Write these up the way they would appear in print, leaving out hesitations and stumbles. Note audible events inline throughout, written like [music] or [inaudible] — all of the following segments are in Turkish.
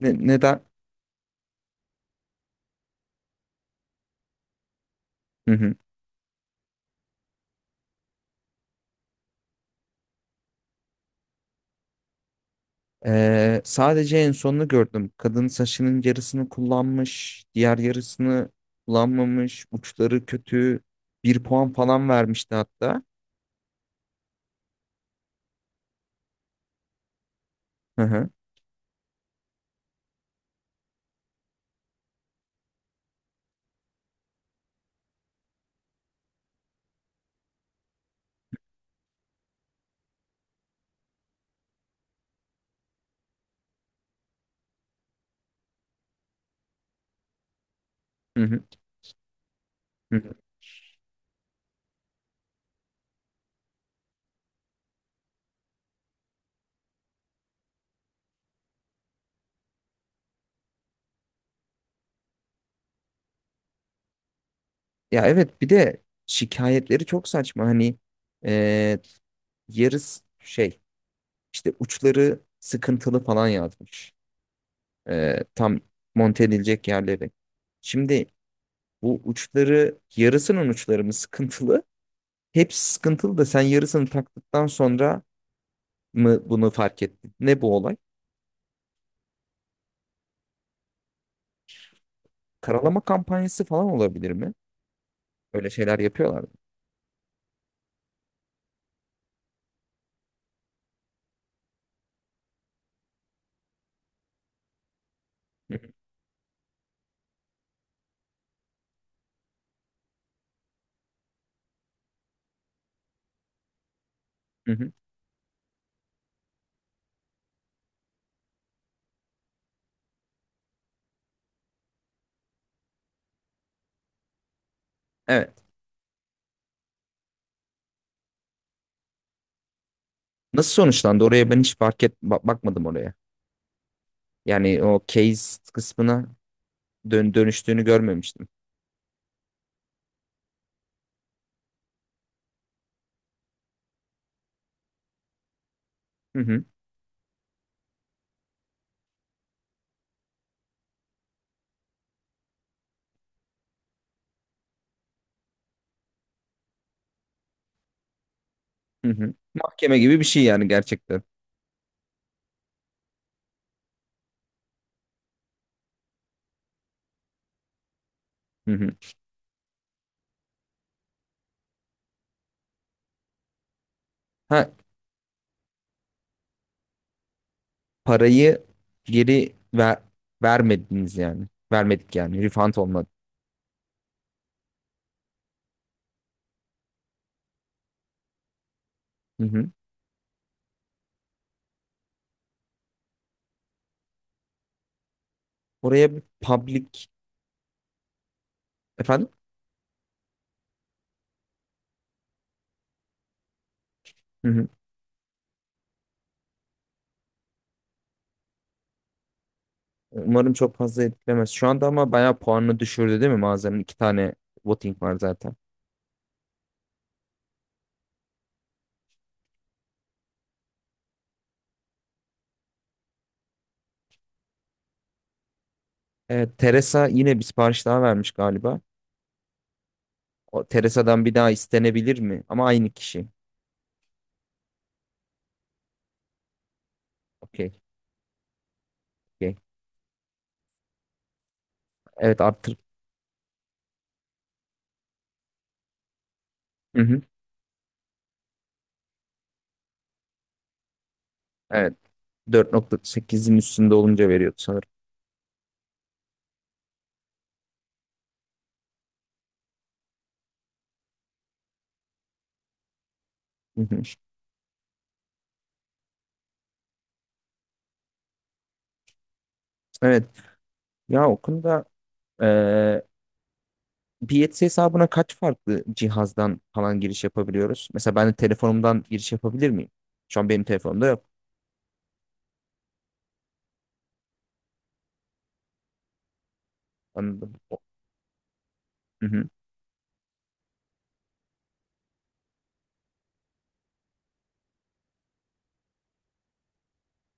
Neden? Hı hı. Sadece en sonunu gördüm. Kadın saçının yarısını kullanmış, diğer yarısını kullanmamış, uçları kötü. Bir puan falan vermişti hatta. Hı hı. Hı hı. Hı hı. Ya evet, bir de şikayetleri çok saçma. Hani ee, yarısı işte uçları sıkıntılı falan yazmış. Tam monte edilecek yerleri. Şimdi bu uçları yarısının uçları mı sıkıntılı? Hepsi sıkıntılı da sen yarısını taktıktan sonra mı bunu fark ettin? Ne bu olay? Karalama kampanyası falan olabilir mi? Öyle şeyler yapıyorlar mı? Hı hı, hı hı. Evet. Nasıl sonuçlandı? Oraya ben hiç bakmadım oraya. Yani o case kısmına dönüştüğünü görmemiştim. Hı hı, hı hı. Mahkeme gibi bir şey yani gerçekten. Hı hı. Ha, parayı geri ver vermediniz yani. Vermedik yani. Refund olmadı. Hı hı. Oraya bir public efendim? Hı hı. Umarım çok fazla etkilemez şu anda, ama bayağı puanını düşürdü değil mi mağazanın? İki tane voting var zaten. Evet, Teresa yine bir sipariş daha vermiş galiba. O Teresa'dan bir daha istenebilir mi? Ama aynı kişi. Okey, okey. Evet, arttır. Hı hı. Evet. 4.8'in üstünde olunca veriyordu sanırım. Hı hı. Evet. Ya o konuda eee Biyetsi hesabına kaç farklı cihazdan falan giriş yapabiliyoruz? Mesela ben de telefonumdan giriş yapabilir miyim? Şu an benim telefonumda yok. Anladım.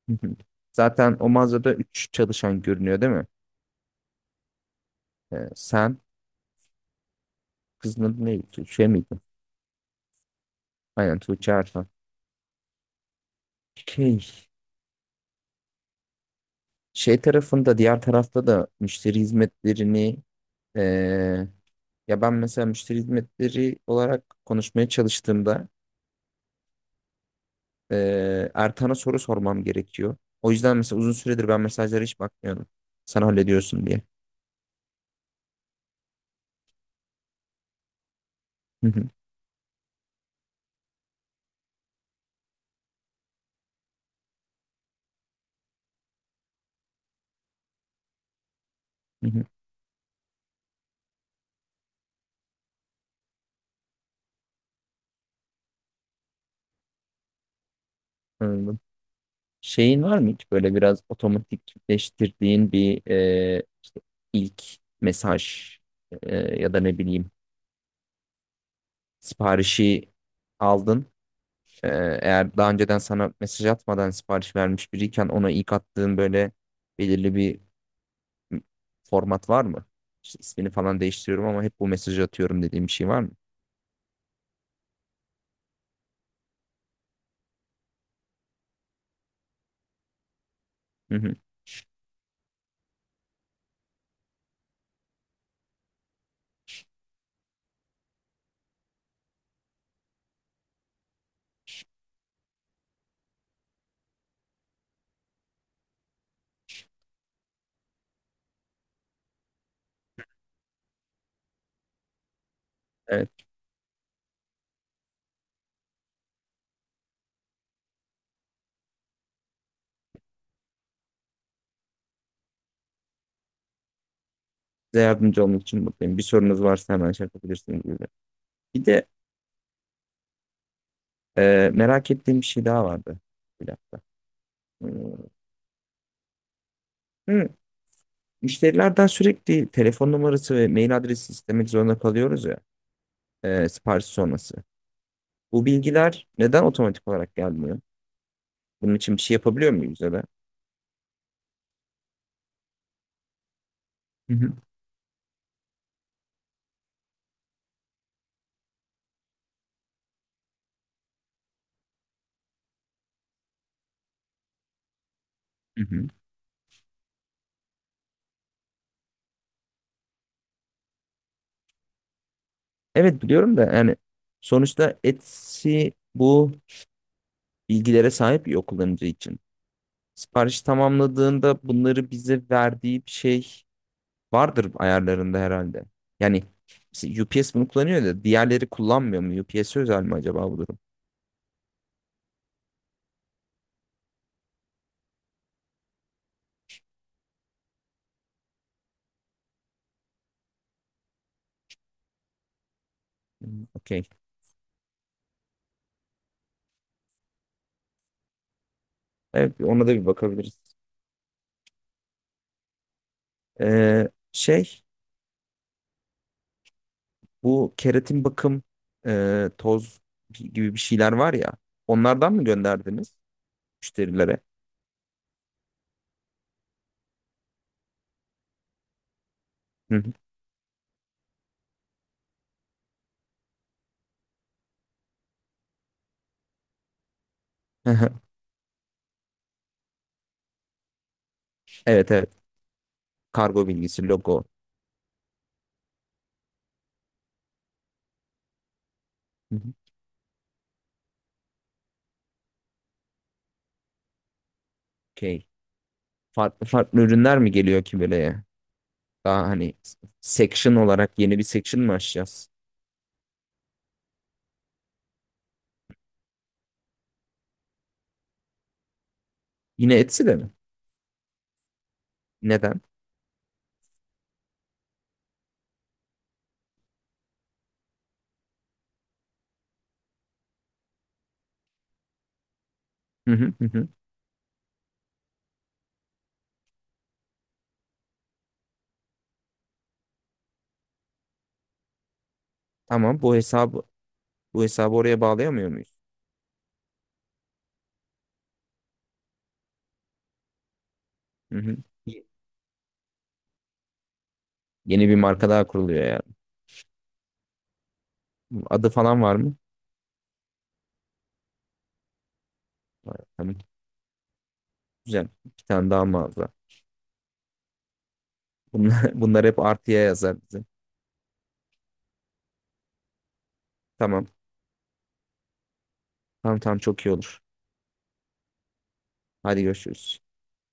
Hı hı. Zaten o mağazada 3 çalışan görünüyor değil mi? Sen Kızın adı neydi? Tuğçe miydi? Aynen, Tuğçe Artan. Şey, şey tarafında, diğer tarafta da müşteri hizmetlerini, ee, ya ben mesela müşteri hizmetleri olarak konuşmaya çalıştığımda Ertan'a soru sormam gerekiyor. O yüzden mesela uzun süredir ben mesajlara hiç bakmıyordum. Sen hallediyorsun diye. Hı hı, hı hı. Anladım. Şeyin var mı hiç böyle biraz otomatikleştirdiğin bir ilk mesaj, e, ya da ne bileyim, siparişi aldın. E, Eğer daha önceden sana mesaj atmadan sipariş vermiş biriyken, ona ilk attığın böyle belirli bir format var mı? İşte ismini falan değiştiriyorum ama hep bu mesajı atıyorum dediğim bir şey var mı? Hı hı. Evet, size yardımcı olmak için mutluyum. Bir sorunuz varsa hemen şey yapabilirsiniz gibi. Bir de merak ettiğim bir şey daha vardı. Bir dakika. Hmm. Hı, müşterilerden sürekli telefon numarası ve mail adresi istemek zorunda kalıyoruz ya. Sipariş sonrası. Bu bilgiler neden otomatik olarak gelmiyor? Bunun için bir şey yapabiliyor muyuz ya da? Hı hı, hı hı. Evet biliyorum da, yani sonuçta Etsy bu bilgilere sahip bir kullanıcı için. Sipariş tamamladığında bunları bize verdiği bir şey vardır ayarlarında herhalde. Yani mesela UPS bunu kullanıyor da diğerleri kullanmıyor mu? UPS özel mi acaba bu durum? Hmm, okey. Evet, ona da bir bakabiliriz. Ee, şey Bu keratin bakım, toz gibi bir şeyler var ya. Onlardan mı gönderdiniz müşterilere? Hı hı. [laughs] Evet evet. Kargo bilgisi, logo. Hı hı. Okey. Farklı farklı ürünler mi geliyor ki böyle? Daha hani section olarak yeni bir section mı açacağız? Yine Etsy'de mi? Neden? Hı hı hı, hı. Tamam, bu hesabı oraya bağlayamıyor muyuz? Hı hı. Y- Yeni bir marka daha kuruluyor yani. Adı falan var mı? Var. Tamam. Güzel. Bir tane daha mağaza. Bunlar, [laughs] bunlar hep artıya yazar bize. Tamam. Tamam tamam, çok iyi olur. Hadi görüşürüz.